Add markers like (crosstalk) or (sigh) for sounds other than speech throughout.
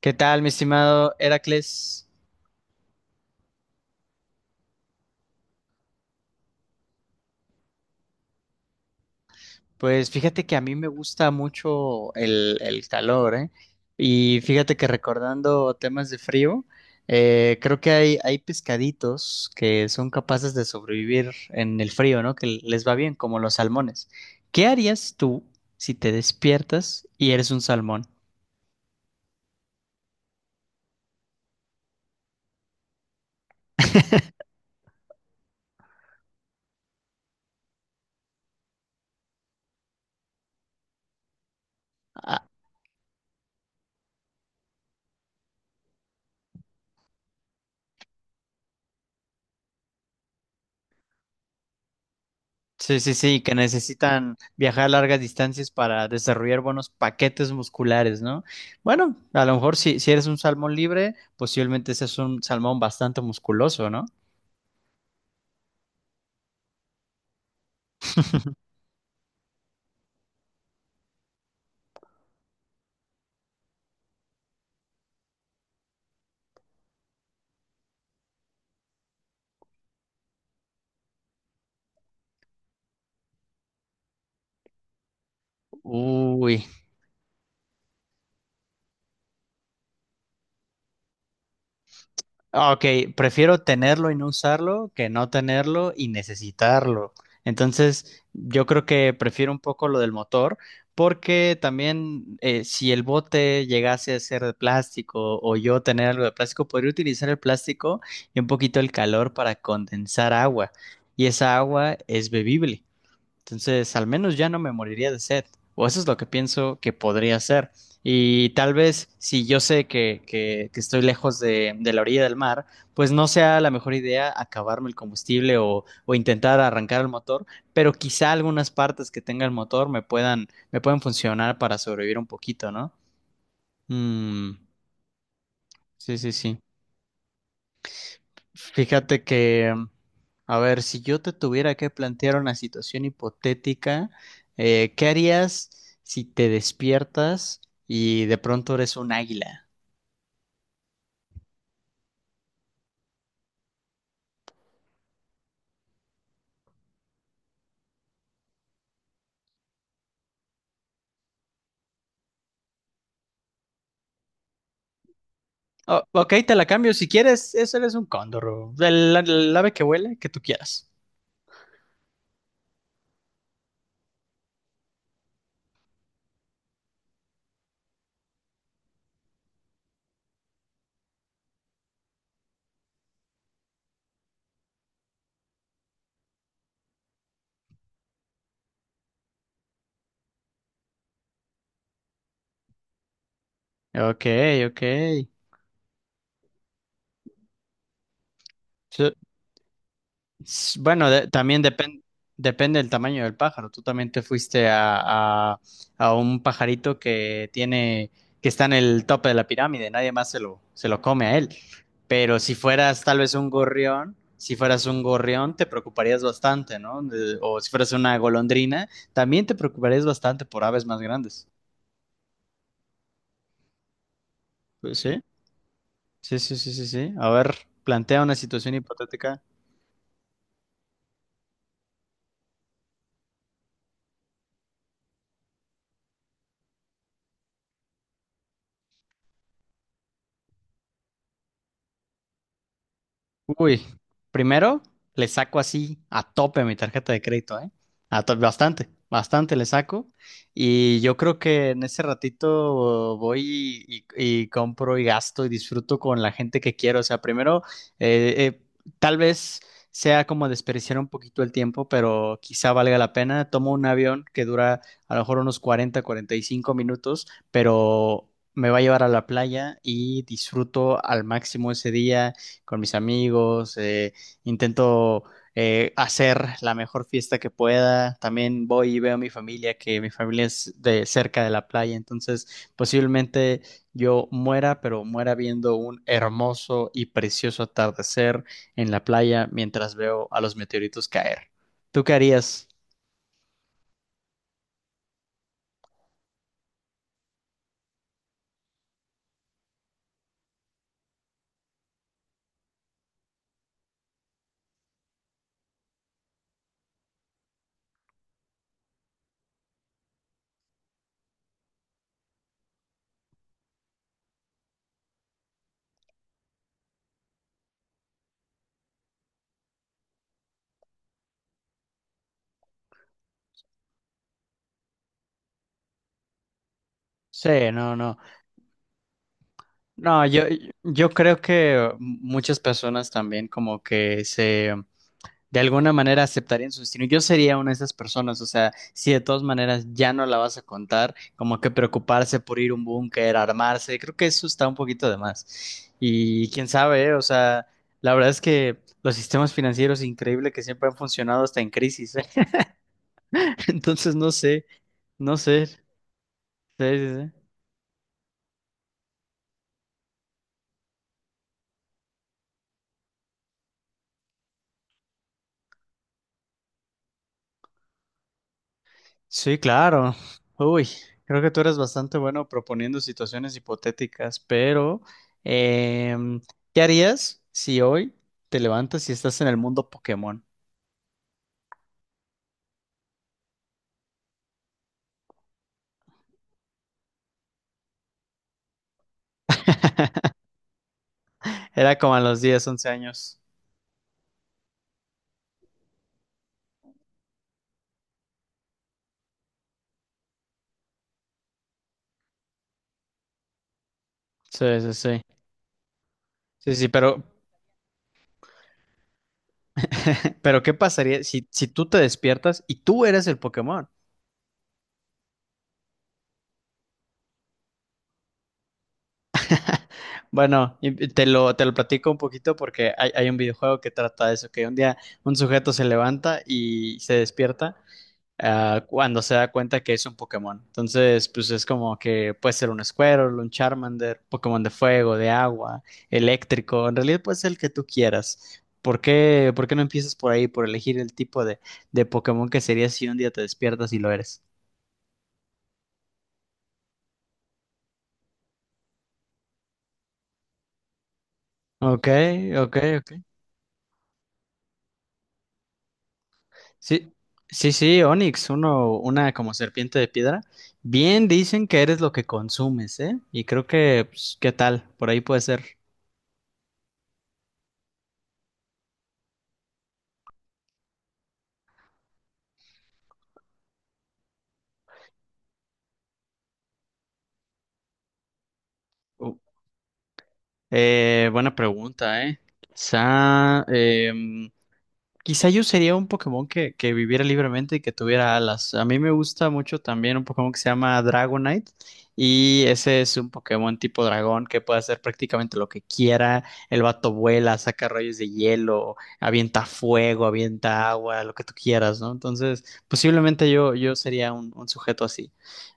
¿Qué tal, mi estimado Heracles? Pues fíjate que a mí me gusta mucho el calor, ¿eh? Y fíjate que recordando temas de frío, creo que hay pescaditos que son capaces de sobrevivir en el frío, ¿no? Que les va bien, como los salmones. ¿Qué harías tú si te despiertas y eres un salmón? Sí, sí, sí, que necesitan viajar largas distancias para desarrollar buenos paquetes musculares, ¿no? Bueno, a lo mejor si eres un salmón libre, posiblemente seas un salmón bastante musculoso, ¿no? Uy. Ah, ok, prefiero tenerlo y no usarlo que no tenerlo y necesitarlo. Entonces, yo creo que prefiero un poco lo del motor, porque también si el bote llegase a ser de plástico o yo tener algo de plástico, podría utilizar el plástico y un poquito el calor para condensar agua. Y esa agua es bebible. Entonces, al menos ya no me moriría de sed. O eso es lo que pienso que podría ser. Y tal vez si yo sé que estoy lejos de la orilla del mar, pues no sea la mejor idea acabarme el combustible o intentar arrancar el motor, pero quizá algunas partes que tenga el motor me puedan funcionar para sobrevivir un poquito, ¿no? Mm, sí, sí, sí. Fíjate que, a ver, si yo te tuviera que plantear una situación hipotética, ¿qué harías si te despiertas y de pronto eres un águila? Oh, ok, te la cambio si quieres, eso eres un cóndor, o el ave que huele, que tú quieras. Ok, ok. Bueno, también depende del tamaño del pájaro. Tú también te fuiste a un pajarito que está en el tope de la pirámide, nadie más se lo come a él. Pero si fueras tal vez un gorrión, si fueras un gorrión, te preocuparías bastante, ¿no? De- o si fueras una golondrina, también te preocuparías bastante por aves más grandes. Pues sí, sí, sí, sí, sí, sí. A ver, plantea una situación hipotética. Uy, primero le saco así a tope mi tarjeta de crédito, ¿eh? A tope, bastante, bastante le saco. Y yo creo que en ese ratito voy compro y gasto y disfruto con la gente que quiero. O sea, primero, eh, eh, tal vez sea como desperdiciar un poquito el tiempo, pero quizá valga la pena. Tomo un avión que dura a lo mejor unos 40, 45 minutos, pero... Me va a llevar a la playa y disfruto al máximo ese día con mis amigos, intento hacer la mejor fiesta que pueda. También voy y veo a mi familia, que mi familia es de cerca de la playa, entonces posiblemente yo muera, pero muera viendo un hermoso y precioso atardecer en la playa mientras veo a los meteoritos caer. ¿Tú qué harías? Sí, no, no. No, yo creo que muchas personas también como que se de alguna manera aceptarían su destino. Yo sería una de esas personas, o sea, si de todas maneras ya no la vas a contar, como que preocuparse por ir a un búnker, armarse, creo que eso está un poquito de más. Y quién sabe, ¿eh? O sea, la verdad es que los sistemas financieros increíble que siempre han funcionado hasta en crisis, ¿eh? (laughs) Entonces no sé, no sé. Sí, sí, sí. Sí, claro. Uy, creo que tú eres bastante bueno proponiendo situaciones hipotéticas, pero em, ¿qué harías si hoy te levantas y estás en el mundo Pokémon? Era como a los 10, 11 años. Sí, sí, sí. Sí, sí, pero ¿qué pasaría si, si tú te despiertas y tú eres el Pokémon? Bueno, y te lo platico un poquito porque hay un videojuego que trata de eso, que un día un sujeto se levanta y se despierta ah, cuando se da cuenta que es un Pokémon. Entonces, pues es como que puede ser un Squirtle, un Charmander, Pokémon de fuego, de agua, eléctrico. En realidad puede ser el que tú quieras. Por qué no empiezas por ahí, por elegir el tipo de Pokémon que sería si un día te despiertas y lo eres? Ok, ok, ok. Sí, sí, sí, Onix, uno, una como serpiente de piedra. Bien dicen que eres lo que consumes, ¿eh? Y creo que, pues, ¿qué tal? Por ahí puede ser. Buena pregunta, ¿eh? Quizá em, quizá yo sería un Pokémon que viviera libremente y que tuviera alas. A mí me gusta mucho también un Pokémon que se llama Dragonite. Y ese es un Pokémon tipo dragón que puede hacer prácticamente lo que quiera. El vato vuela, saca rayos de hielo, avienta fuego, avienta agua, lo que tú quieras, ¿no? Entonces, posiblemente yo, yo sería un sujeto así.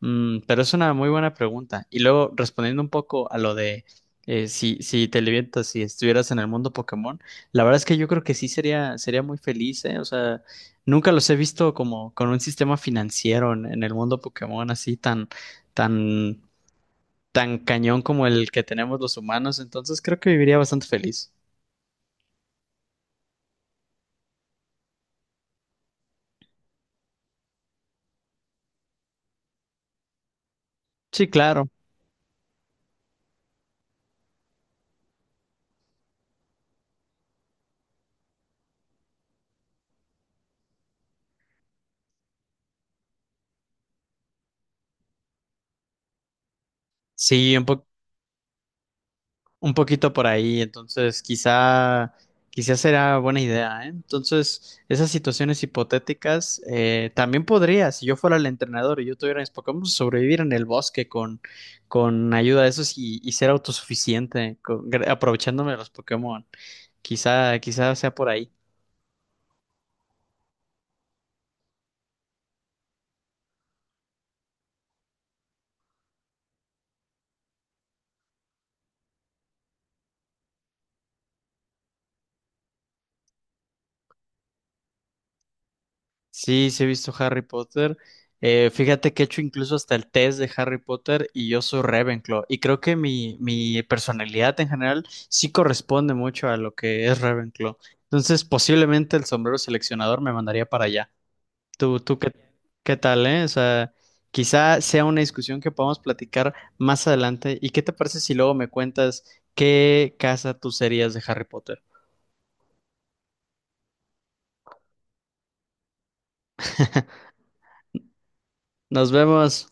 Mm, pero es una muy buena pregunta. Y luego, respondiendo un poco a lo de si, si te levantas, si estuvieras en el mundo Pokémon. La verdad es que yo creo que sí sería, sería muy feliz, ¿eh? O sea, nunca los he visto como con un sistema financiero en el mundo Pokémon así tan, tan, tan cañón como el que tenemos los humanos. Entonces creo que viviría bastante feliz. Sí, claro. Sí, un poco. Un poquito por ahí, entonces quizá, quizá será buena idea, ¿eh? Entonces, esas situaciones hipotéticas también podría, si yo fuera el entrenador y yo tuviera mis Pokémon, sobrevivir en el bosque con ayuda de esos y ser autosuficiente, aprovechándome de los Pokémon. Quizá, quizá sea por ahí. Sí, sí he visto Harry Potter. Fíjate que he hecho incluso hasta el test de Harry Potter y yo soy Ravenclaw. Y creo que mi personalidad en general sí corresponde mucho a lo que es Ravenclaw. Entonces, posiblemente el sombrero seleccionador me mandaría para allá. ¿Tú, tú qué, qué tal, eh? O sea, quizá sea una discusión que podamos platicar más adelante. ¿Y qué te parece si luego me cuentas qué casa tú serías de Harry Potter? Nos vemos.